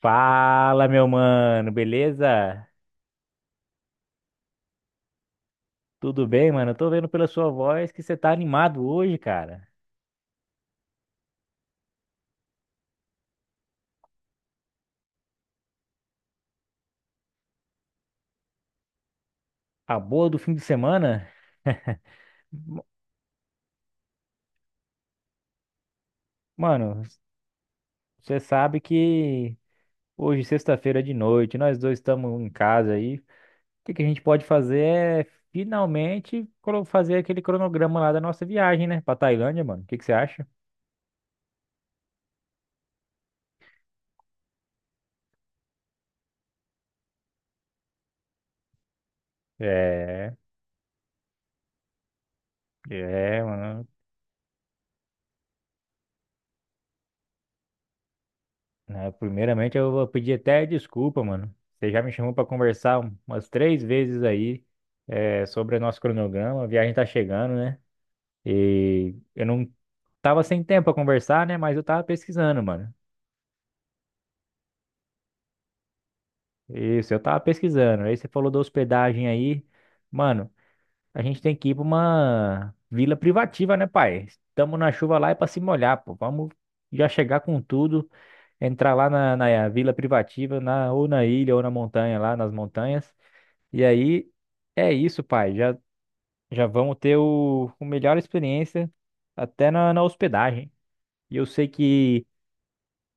Fala, meu mano, beleza? Tudo bem, mano? Eu tô vendo pela sua voz que você tá animado hoje, cara. A boa do fim de semana? M- Mano, você sabe que hoje, sexta-feira de noite, nós dois estamos em casa aí. O que que a gente pode fazer é finalmente fazer aquele cronograma lá da nossa viagem, né? Pra Tailândia, mano. O que que você acha? É, é, mano, né? Primeiramente, eu vou pedir até desculpa, mano. Você já me chamou para conversar umas três vezes aí, sobre o nosso cronograma. A viagem tá chegando, né? E eu não tava sem tempo para conversar, né? Mas eu tava pesquisando, mano. Isso, eu tava pesquisando. Aí você falou da hospedagem aí. Mano, a gente tem que ir pra uma vila privativa, né, pai? Estamos na chuva lá é pra se molhar, pô. Vamos já chegar com tudo, entrar lá na vila privativa, ou na ilha, ou na montanha, lá nas montanhas. E aí, é isso, pai. Já vamos ter o melhor experiência até na hospedagem. E eu sei que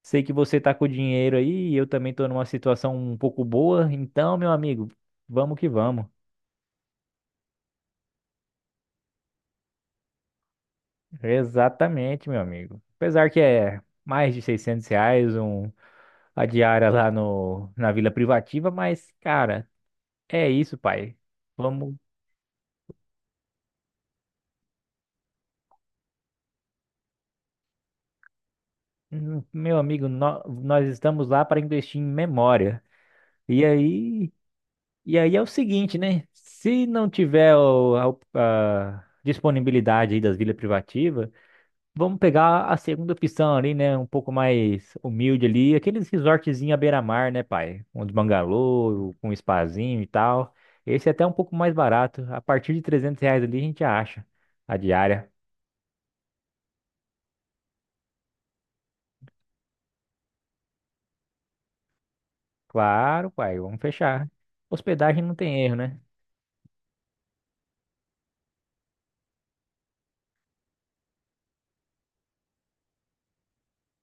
sei que você tá com dinheiro aí, e eu também tô numa situação um pouco boa. Então, meu amigo, vamos que vamos. Exatamente, meu amigo. Apesar que é mais de R$ 600 a diária lá no, na Vila Privativa, mas, cara, é isso, pai. Vamos, meu amigo, nós estamos lá para investir em memória. E aí. E aí é o seguinte, né? Se não tiver a disponibilidade aí das vilas privativas, vamos pegar a segunda opção ali, né? Um pouco mais humilde ali, aqueles resortzinhos à beira-mar, né, pai? Um de bangalô, com um spazinho e tal. Esse é até um pouco mais barato. A partir de R$ 300 ali a gente acha a diária. Claro, pai, vamos fechar. Hospedagem não tem erro, né?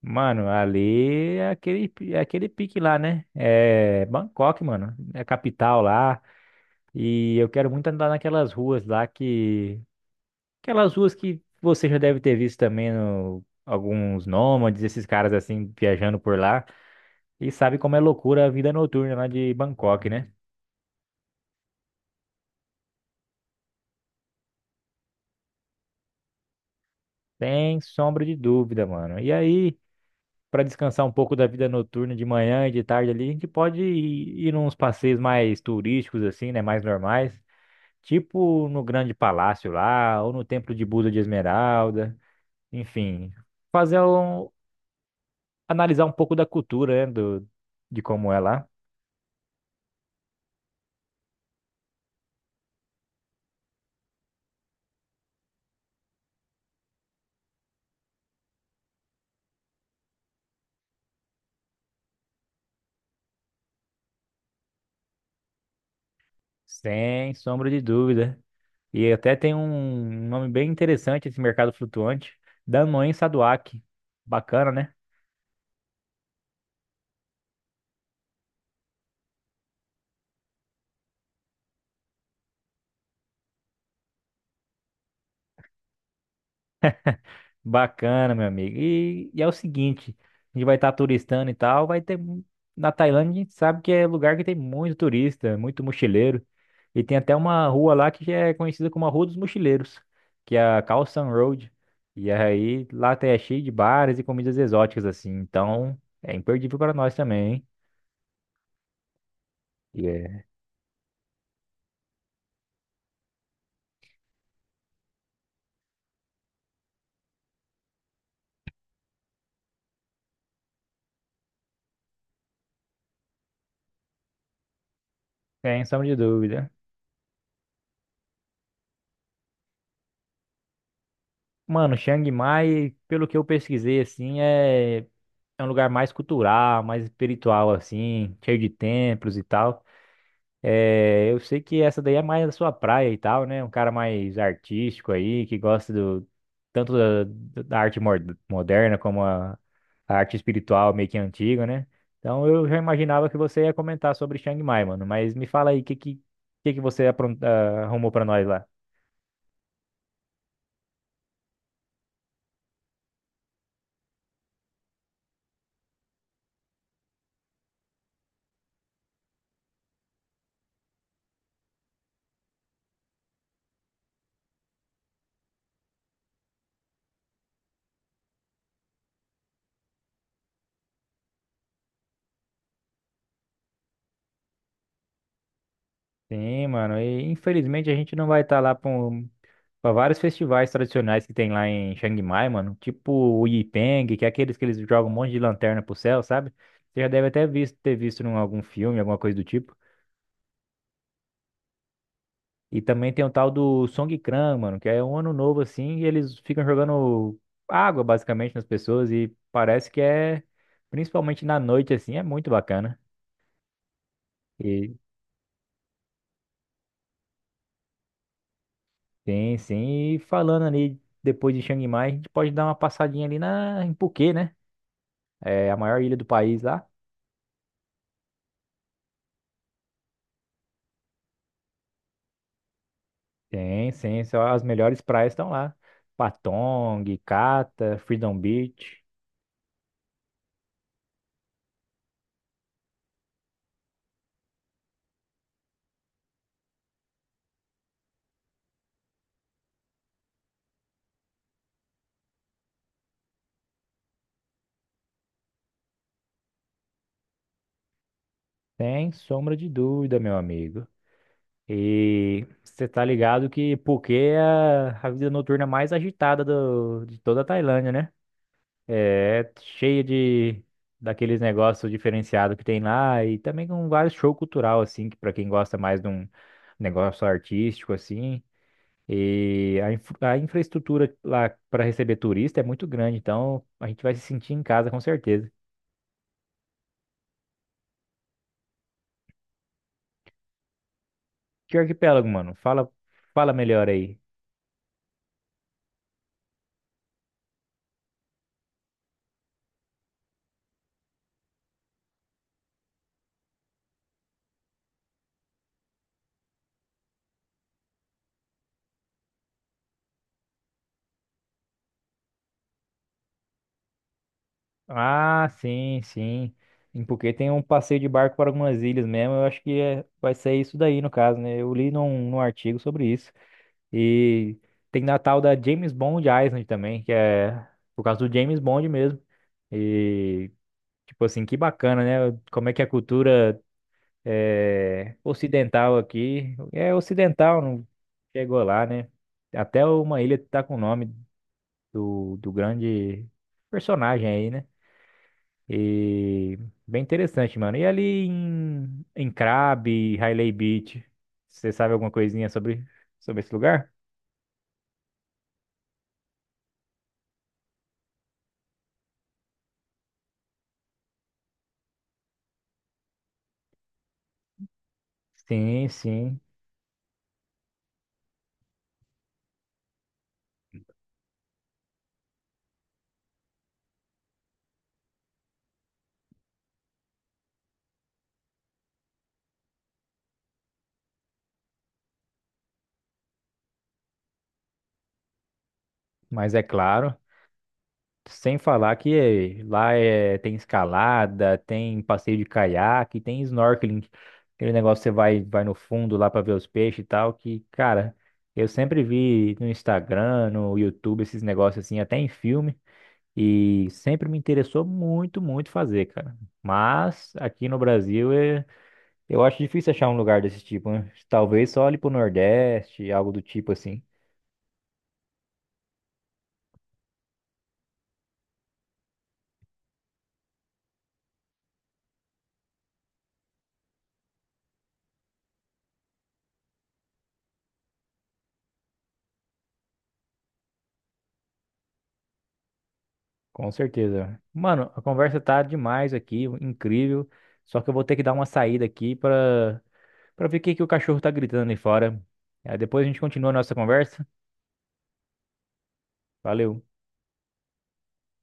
Mano, ali é aquele pique lá, né? É Bangkok, mano. É a capital lá. E eu quero muito andar naquelas ruas lá que. Aquelas ruas que você já deve ter visto também no... alguns nômades, esses caras assim viajando por lá. E sabe como é loucura a vida noturna lá de Bangkok, né? Sem sombra de dúvida, mano. E aí, pra descansar um pouco da vida noturna de manhã e de tarde ali, a gente pode ir nos passeios mais turísticos, assim, né? Mais normais. Tipo no Grande Palácio lá, ou no Templo de Buda de Esmeralda. Enfim, fazer um. Analisar um pouco da cultura, né, de como é lá. Sem sombra de dúvida. E até tem um nome bem interessante esse mercado flutuante, Danone Saduak. Bacana, né? Bacana, meu amigo. E é o seguinte, a gente vai estar turistando e tal, vai ter na Tailândia, a gente sabe que é lugar que tem muito turista, muito mochileiro. E tem até uma rua lá que já é conhecida como a Rua dos Mochileiros, que é a Khao San Road. E aí lá até é cheio de bares e comidas exóticas assim. Então, é imperdível para nós também, hein? E é- Sem sombra de dúvida. Mano, Chiang Mai, pelo que eu pesquisei, assim, é um lugar mais cultural, mais espiritual, assim, cheio de templos e tal. É, eu sei que essa daí é mais a sua praia e tal, né? Um cara mais artístico aí, que gosta tanto da arte moderna como a arte espiritual meio que antiga, né? Então eu já imaginava que você ia comentar sobre Chiang Mai, mano, mas me fala aí, o que que você arrumou pra nós lá? Sim, mano. E infelizmente a gente não vai estar lá para vários festivais tradicionais que tem lá em Chiang Mai, mano. Tipo o Yipeng, que é aqueles que eles jogam um monte de lanterna pro céu, sabe? Você já deve até ter visto em algum filme, alguma coisa do tipo. E também tem o tal do Songkran, mano, que é um ano novo assim, e eles ficam jogando água basicamente nas pessoas e parece que principalmente na noite assim, é muito bacana. Sim, sim. E falando ali depois de Chiang Mai, a gente pode dar uma passadinha ali em Phuket, né? É a maior ilha do país lá. Sim, sim. Só as melhores praias estão lá. Patong, Cata, Freedom Beach. Sem sombra de dúvida, meu amigo. E você tá ligado que Phuket é a vida noturna mais agitada de toda a Tailândia, né? É cheia de daqueles negócios diferenciados que tem lá e também com vários show cultural assim, que para quem gosta mais de um negócio artístico assim. E a infraestrutura lá para receber turista é muito grande, então a gente vai se sentir em casa com certeza. Que arquipélago, mano? Fala melhor aí. Ah, sim, sim. Em Phuket tem um passeio de barco para algumas ilhas mesmo. Eu acho que vai ser isso daí no caso, né? Eu li num artigo sobre isso. E tem Natal da James Bond Island também, que é por causa do James Bond mesmo. E, tipo assim, que bacana, né? Como é que a cultura é, ocidental aqui. É ocidental, não chegou lá, né? Até uma ilha tá com o nome do grande personagem aí, né? E bem interessante, mano. E ali em Crabbe, Hailey Beach, você sabe alguma coisinha sobre esse lugar? Sim, sim. Mas é claro, sem falar que lá tem escalada, tem passeio de caiaque, tem snorkeling, aquele negócio que você vai no fundo lá para ver os peixes e tal, que, cara, eu sempre vi no Instagram, no YouTube, esses negócios assim, até em filme, e sempre me interessou muito, muito fazer, cara. Mas aqui no Brasil eu acho difícil achar um lugar desse tipo, né? Talvez só ali pro Nordeste, algo do tipo assim. Com certeza. Mano, a conversa tá demais aqui, incrível. Só que eu vou ter que dar uma saída aqui pra para ver o que que o cachorro tá gritando ali fora. Aí depois a gente continua a nossa conversa. Valeu.